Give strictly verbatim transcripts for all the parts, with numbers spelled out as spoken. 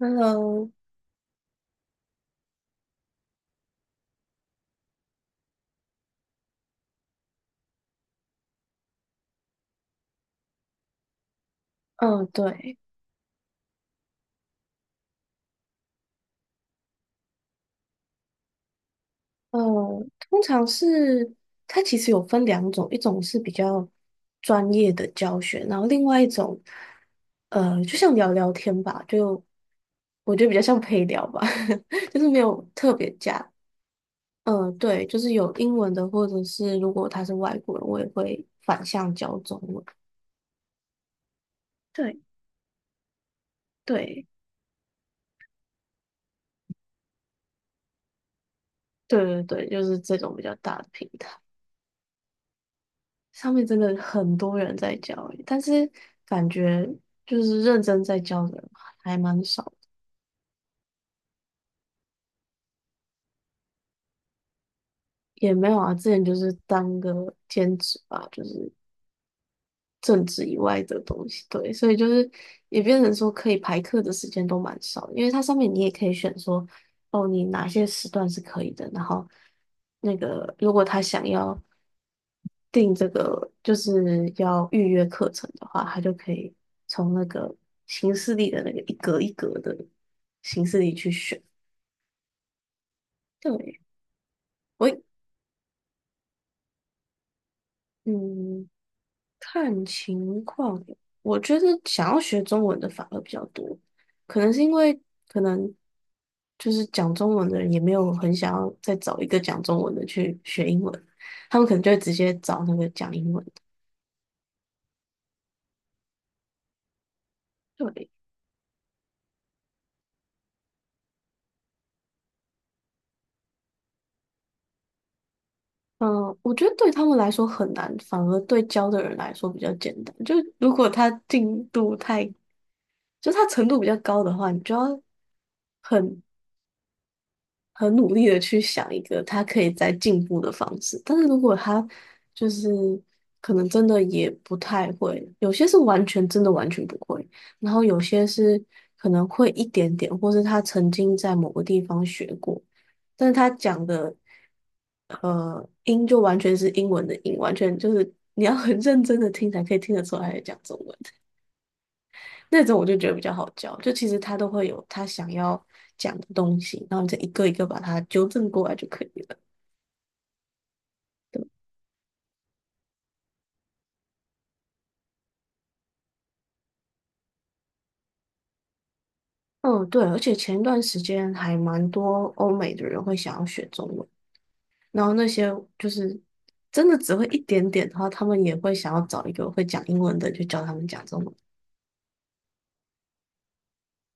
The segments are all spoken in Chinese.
Hello，嗯，对，嗯，通常是它其实有分两种，一种是比较专业的教学，然后另外一种，呃，就像聊聊天吧，就我觉得比较像陪聊吧，就是没有特别加，嗯，对，就是有英文的，或者是如果他是外国人，我也会反向教中文。对，对。对对对，就是这种比较大的平台。上面真的很多人在教欸，但是感觉就是认真在教的人还蛮少的。也没有啊。之前就是当个兼职吧，就是政治以外的东西，对，所以就是也变成说可以排课的时间都蛮少的，因为它上面你也可以选说，哦，你哪些时段是可以的，然后那个如果他想要。订这个就是要预约课程的话，他就可以从那个形式历的那个一格一格的形式里去选。对，我嗯，看情况。我觉得想要学中文的反而比较多，可能是因为，可能就是讲中文的人也没有很想要再找一个讲中文的去学英文，他们可能就会直接找那个讲英文的。对。嗯，我觉得对他们来说很难，反而对教的人来说比较简单。就如果他进度太，就他程度比较高的话，你就要很很努力的去想一个他可以再进步的方式。但是如果他就是可能真的也不太会，有些是完全真的完全不会，然后有些是可能会一点点，或是他曾经在某个地方学过，但是他讲的呃音就完全是英文的音，完全就是你要很认真的听才可以听得出来他在讲中文。那种我就觉得比较好教，就其实他都会有他想要讲的东西，然后你再一个一个把它纠正过来就可以了。嗯，对，而且前一段时间还蛮多欧美的人会想要学中文，然后那些就是真的只会一点点的话，他们也会想要找一个会讲英文的就教他们讲中文。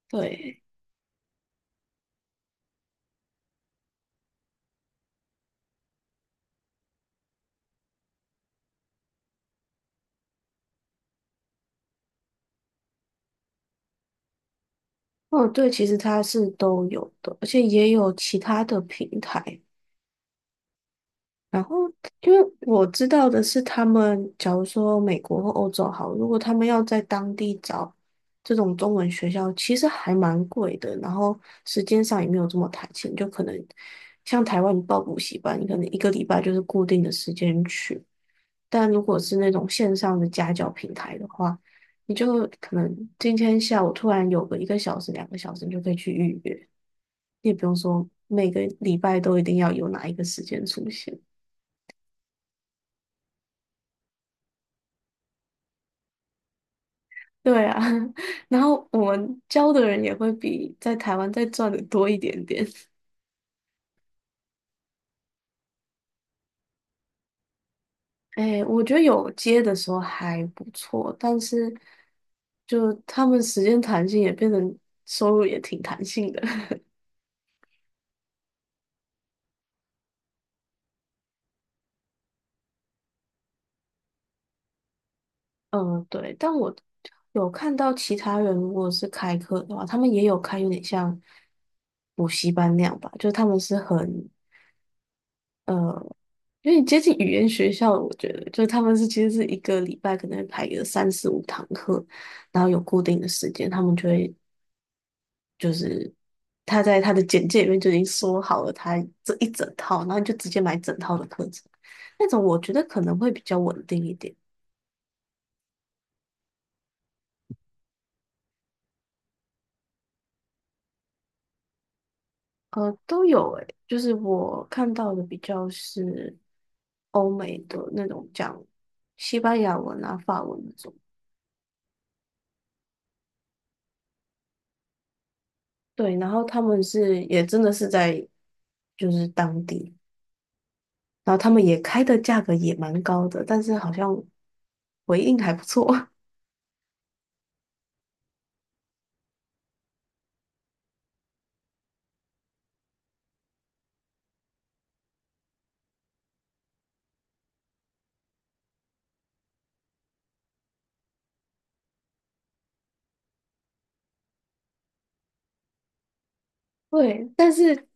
对。哦，对，其实它是都有的，而且也有其他的平台。然后，因为我知道的是，他们假如说美国或欧洲好，如果他们要在当地找这种中文学校，其实还蛮贵的，然后时间上也没有这么弹性，就可能像台湾你报补习班，你可能一个礼拜就是固定的时间去，但如果是那种线上的家教平台的话，你就可能今天下午突然有个一个小时、两个小时，你就可以去预约，你也不用说每个礼拜都一定要有哪一个时间出现。对啊，然后我们教的人也会比在台湾再赚的多一点点。哎，我觉得有接的时候还不错，但是就他们时间弹性也变成收入也挺弹性的。嗯，对，但我有看到其他人如果是开课的话，他们也有开有点像补习班那样吧，就他们是很，因为接近语言学校，我觉得就是他们是其实是一个礼拜可能会排个三四五堂课，然后有固定的时间，他们就会，他在他的简介里面就已经说好了他这一整套，然后你就直接买整套的课程，那种我觉得可能会比较稳定一点。呃，都有诶，就是我看到的比较是欧美的那种讲西班牙文啊、法文那种。对，然后他们是也真的是在就是当地。然后他们也开的价格也蛮高的，但是好像回应还不错。对，但是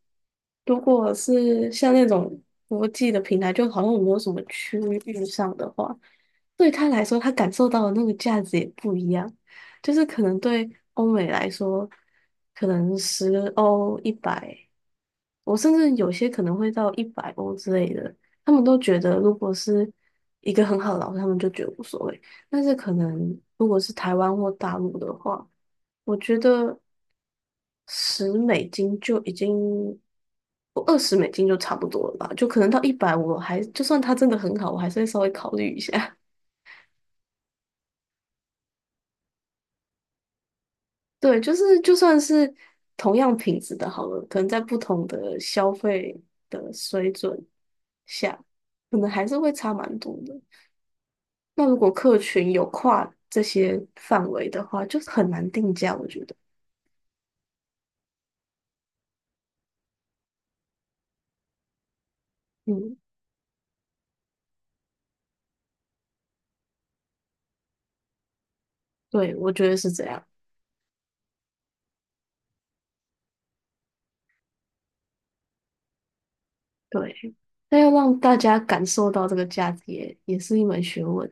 如果是像那种国际的平台，就好像没有什么区域上的话，对他来说，他感受到的那个价值也不一样。就是可能对欧美来说，可能十欧、一百，我甚至有些可能会到一百欧之类的，他们都觉得如果是一个很好的老师，他们就觉得无所谓。但是可能如果是台湾或大陆的话，我觉得。十美金就已经，我二十美金就差不多了吧，就可能到一百，我还就算它真的很好，我还是会稍微考虑一下。对，就是就算是同样品质的好了，可能在不同的消费的水准下，可能还是会差蛮多的。那如果客群有跨这些范围的话，就是很难定价，我觉得。嗯，对，我觉得是这样。对，那要让大家感受到这个价值也也是一门学问。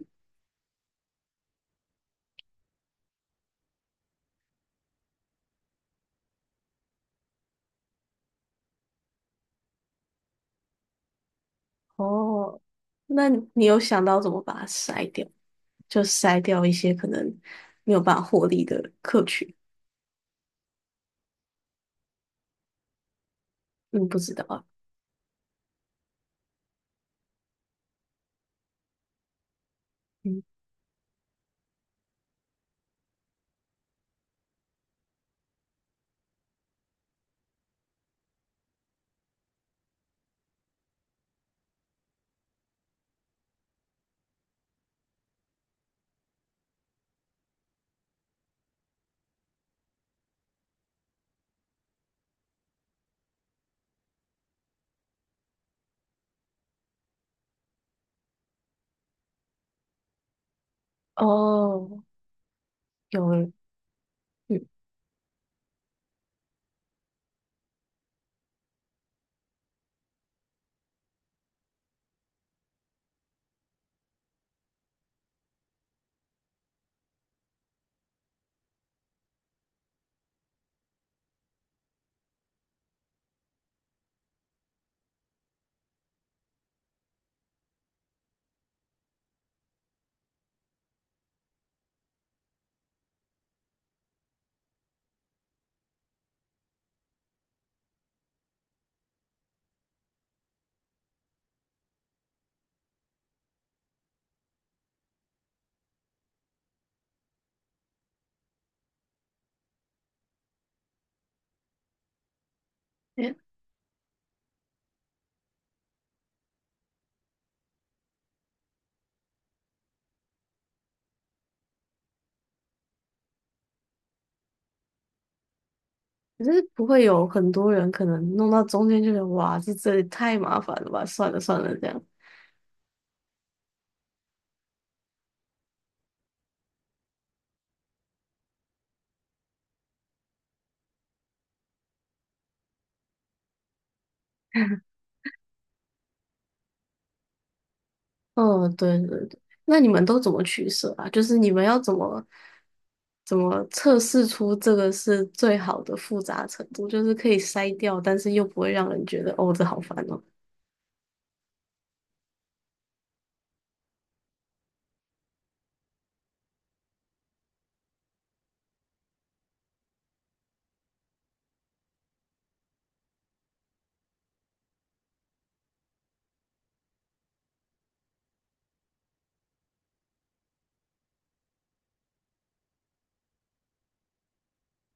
哦，那你有想到怎么把它筛掉？就筛掉一些可能没有办法获利的客群？嗯，不知道啊。嗯。哦，有诶。嗯。诶，可是不会有很多人可能弄到中间就觉得哇，这这也太麻烦了吧？算了算了，这样。嗯，对对对。那你们都怎么取舍啊？就是你们要怎么怎么测试出这个是最好的复杂程度，就是可以筛掉，但是又不会让人觉得哦，这好烦哦。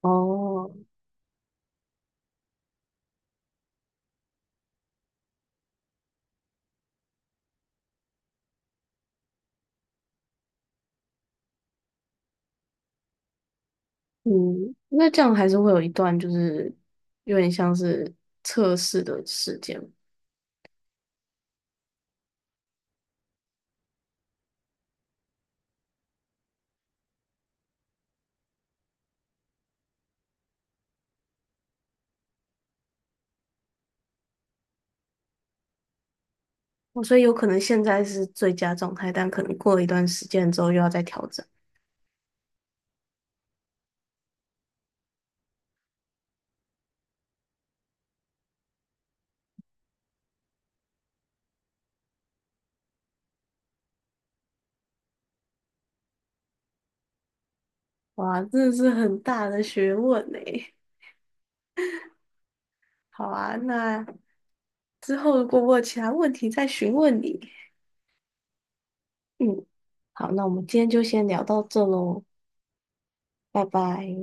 哦。嗯，那这样还是会有一段就是有点像是测试的时间。哦，所以有可能现在是最佳状态，但可能过了一段时间之后又要再调整。哇，真的是很大的学问呢。好啊，那之后如果我有其他问题再询问你。嗯。好，那我们今天就先聊到这喽。拜拜。